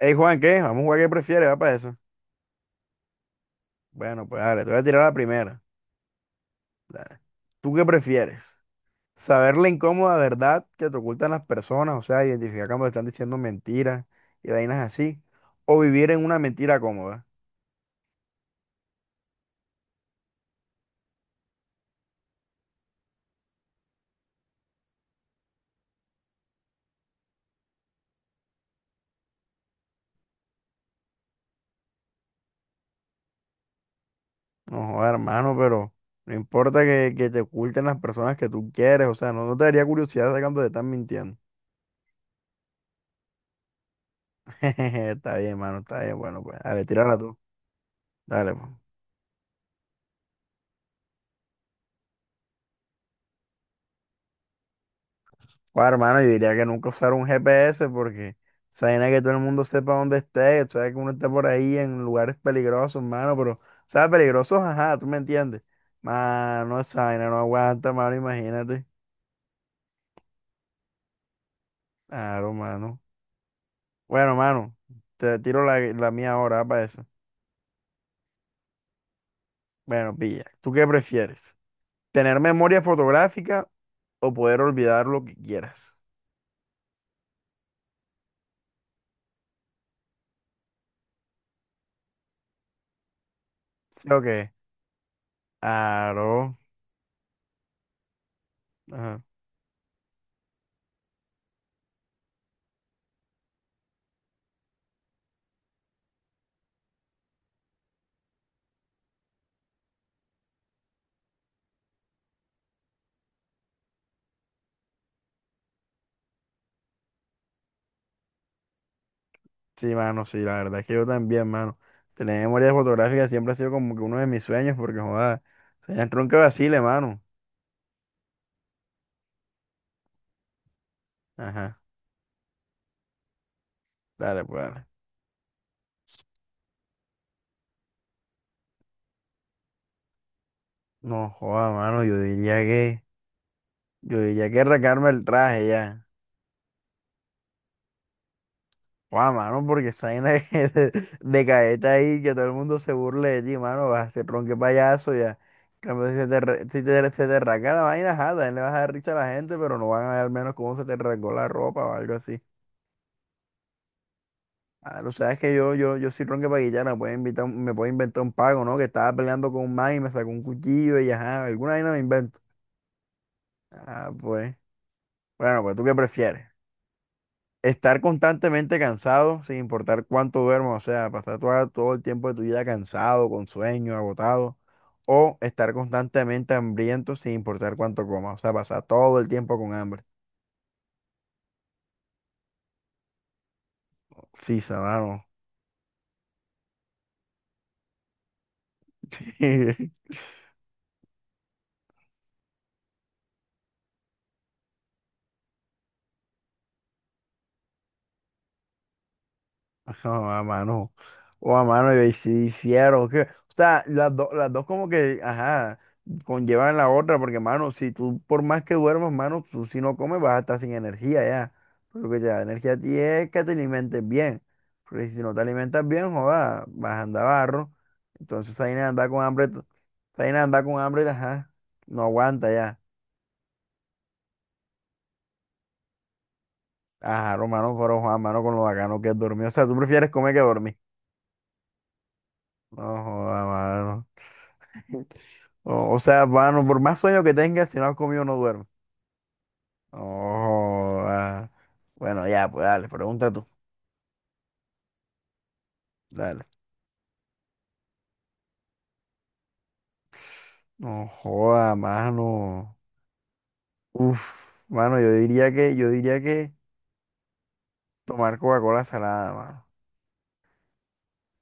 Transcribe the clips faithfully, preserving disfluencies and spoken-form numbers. Hey Juan, ¿qué? Vamos a jugar qué prefieres, va para eso. Bueno, pues dale, te voy a tirar la primera. Dale. ¿Tú qué prefieres? ¿Saber la incómoda verdad que te ocultan las personas? O sea, identificar cuando te están diciendo mentiras y vainas así. ¿O vivir en una mentira cómoda? No, joder, hermano, pero no importa que, que te oculten las personas que tú quieres. O sea, no, no te daría curiosidad saber cuando te están mintiendo. Está bien, hermano, está bien. Bueno, pues dale, tírala tú. Dale, pues. Bueno, hermano, yo diría que nunca usar un G P S porque esa vaina es que todo el mundo sepa dónde esté, tú sabes que uno está por ahí en lugares peligrosos, hermano, pero, o sea, peligrosos, ajá, tú me entiendes. Mano, esa vaina no aguanta, mano, imagínate. Claro, mano. Bueno, mano, te tiro la, la mía ahora ah, para eso. Bueno, pilla, ¿tú qué prefieres? ¿Tener memoria fotográfica o poder olvidar lo que quieras? ¿Sí o qué? Claro. Sí, mano, sí, la verdad es que yo también, mano. Tener memoria fotográfica siempre ha sido como que uno de mis sueños, porque joda, sería el tronco de vacile, mano. Ajá, dale, pues dale. No, joda, mano, yo diría que, yo diría que arrancarme el traje ya. Joda, mano, porque esa vaina de, de, de caeta ahí, que todo el mundo se burle de ti, mano, vas a ser tronque payaso ya. En cambio, si se te, arra- si te, se te arranca la vaina, ajá, también le vas a dar risa a la gente, pero no van a ver al menos cómo se te arrancó la ropa o algo así. Ah, lo sabes que yo, yo, yo soy ronque paguillana, puede invitar, un- me puede inventar un pago, ¿no? Que estaba peleando con un man y me sacó un cuchillo y ajá, alguna vaina me invento. Ah, pues. Bueno, pues ¿tú qué prefieres? Estar constantemente cansado, sin importar cuánto duermas, o sea, pasar toda- todo el tiempo de tu vida cansado, con sueño, agotado, o estar constantemente hambriento, sin importar cuánto comas, o sea, pasar todo el tiempo con hambre. Sí, sabano. Ajá, a mano. O a mano, y ahí sí difiero. Que, o sea, las, do- las dos como que, ajá, conllevan la otra, porque, mano, si tú, por más que duermas, mano, tú si no comes vas a estar sin energía ya. Pero que te da energía a ti es que te alimentes bien. Porque si no te alimentas bien, joda, vas a andar barro. Entonces ahí nada, anda con hambre, t- esa vaina de andar con hambre, ajá, no aguanta ya. Ajá, hermano, pero Juan, mano, con lo bacano que es dormir. O sea, tú prefieres comer que dormir. No, joda, mano. O, o sea, bueno, por más sueño que tengas, si no has comido, no duermes. Oh, ah. Bueno, ya, pues dale, pregunta tú. Dale. No joda, mano. Uf, mano, yo diría que, yo diría que tomar Coca-Cola salada, mano.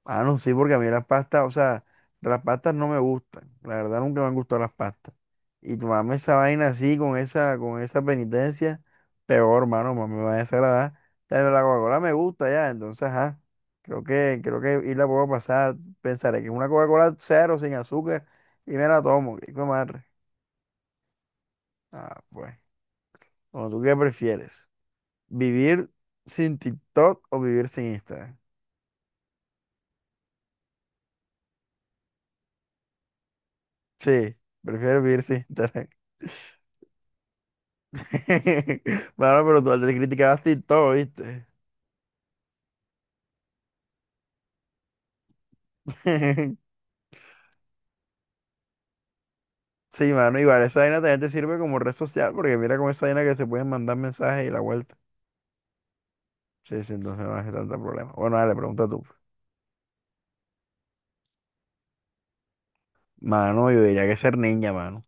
Ah, no, sí, porque a mí las pastas, o sea, las pastas no me gustan. La verdad nunca me han gustado las pastas. Y tomarme esa vaina así, con esa, con esa penitencia, peor, hermano, más me va a desagradar. La de la Coca-Cola me gusta ya, entonces, ajá. Creo que, creo que y la puedo pasar. Pensaré que es una Coca-Cola cero, sin azúcar, y me la tomo. ¿Qué hijo de madre? Ah, pues. Bueno, ¿tú qué prefieres? ¿Vivir sin TikTok o vivir sin Instagram? Sí, prefiero vivir sin Instagram. Mano, pero tú antes criticabas TikTok, ¿viste? Sí, mano, igual esa vaina también te sirve como red social, porque mira con esa vaina que se pueden mandar mensajes y la vuelta. Sí, sí, entonces no hace tanto problema. Bueno, dale, pregunta tú. Mano, yo diría que ser niña, mano.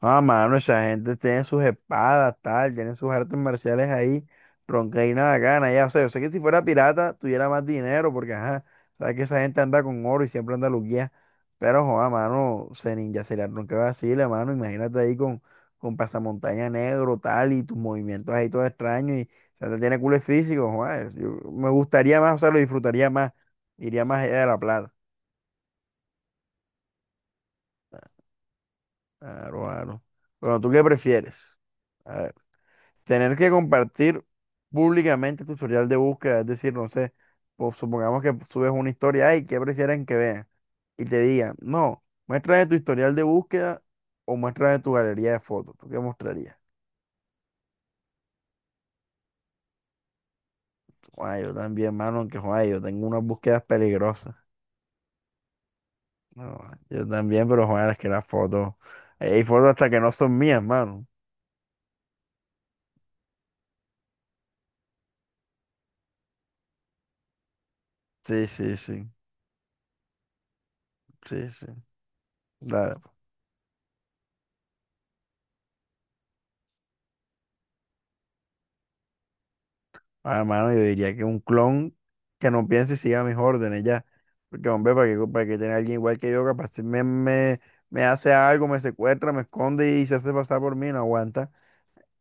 Ah, mano, esa gente tiene sus espadas, tal, tienen sus artes marciales ahí, ronca y nada gana, ya, o sea, yo sé que si fuera pirata tuviera más dinero, porque ajá, sabes que esa gente anda con oro y siempre anda luquía, pero joda, mano, se ninja sería ronca vacile, mano, imagínate ahí con, con pasamontaña negro, tal, y tus movimientos ahí todos extraños, y o sea, te tiene culo físico, joda, es- yo me gustaría más, o sea, lo disfrutaría más, iría más allá de la plata, claro, claro. Bueno, ¿tú qué prefieres? Tener que compartir públicamente tu historial de búsqueda, es decir, no sé, pues, supongamos que subes una historia, y ¿qué prefieren que vean? Y te digan, no, muéstrame tu historial de búsqueda o muéstrame tu galería de fotos. ¿Tú qué mostrarías? Ay, yo también, mano, aunque joder, yo tengo unas búsquedas peligrosas. No, yo también, pero joder, es que las fotos, hay fotos hasta que no son mías, mano. Sí, sí, sí, sí, sí. Dale. Ah, hermano, yo diría que un clon que no piense y siga mis órdenes ya. Porque, hombre, para que, para que tener a alguien igual que yo, capaz si me, me, me hace algo, me secuestra, me esconde y se hace pasar por mí, no aguanta.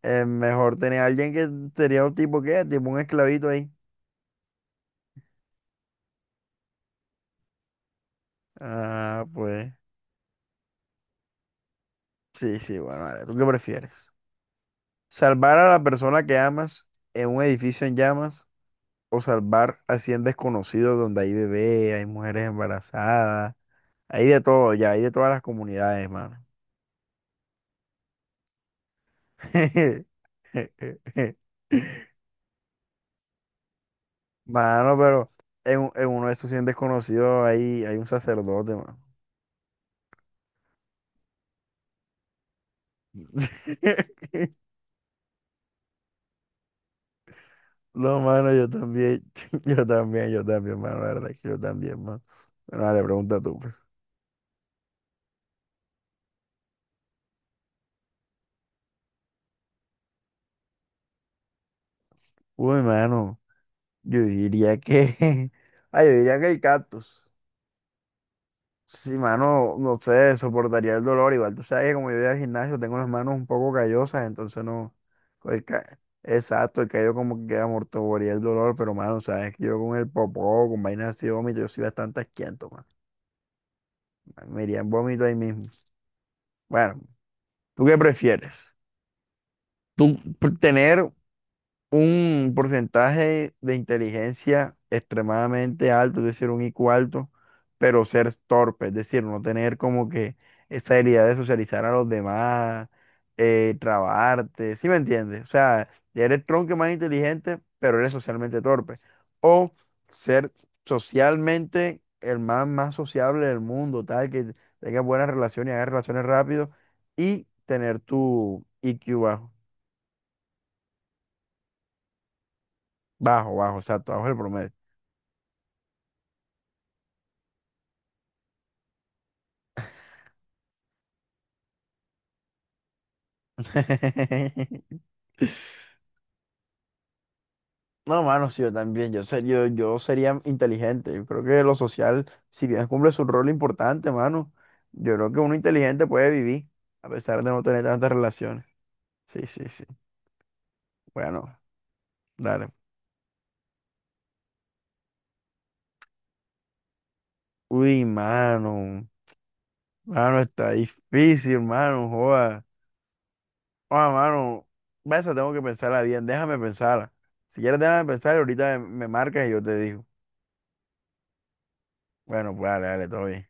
Es mejor tener a alguien que sería un tipo que, tipo un esclavito ahí. Ah, pues, sí, sí, bueno, vale. ¿Tú qué prefieres? ¿Salvar a la persona que amas en un edificio en llamas o salvar a cien desconocidos donde hay bebé, hay mujeres embarazadas? Hay de todo, ya, hay de todas las comunidades, mano. Mano, pero en, un- en uno de estos cien desconocidos hay, hay un sacerdote, mano. No, mano, yo también, yo también, yo también, mano, la verdad es que yo también, mano. Bueno, dale, pregunta tú, pues. Uy, mano, yo diría que, ah, yo diría que el cactus. Sí, mano, no sé, soportaría el dolor. Igual tú sabes que como yo voy al gimnasio, tengo las manos un poco callosas, entonces no. el ca- exacto, el callo como que amortiguaría el dolor, pero mano, sabes que yo con el popó, con vainas así de vómito, yo soy bastante asquiento, mano. Me iría en vómito ahí mismo. Bueno, ¿tú qué prefieres? ¿Tú pr- Tener un porcentaje de inteligencia extremadamente alto, es decir, un I Q alto, pero ser torpe, es decir, no tener como que esa habilidad de socializar a los demás, eh, trabarte, ¿sí me entiendes? O sea, ya eres tronco más inteligente, pero eres socialmente torpe. O ser socialmente el más, más sociable del mundo, tal, que tengas buenas relaciones y hagas relaciones rápido y tener tu I Q bajo, bajo, bajo, exacto, bajo el promedio. No, mano, sí, yo también, yo, ser- yo, yo sería inteligente, yo creo que lo social, si bien cumple su rol importante, mano, yo creo que uno inteligente puede vivir, a pesar de no tener tantas relaciones. Sí, sí, sí. Bueno, dale. Uy, mano, mano, está difícil, mano, joda. Ah, mano, esa tengo que pensarla bien, déjame pensarla. Si quieres, déjame pensar y ahorita me, me marcas y yo te digo. Bueno, pues dale, dale, todo bien.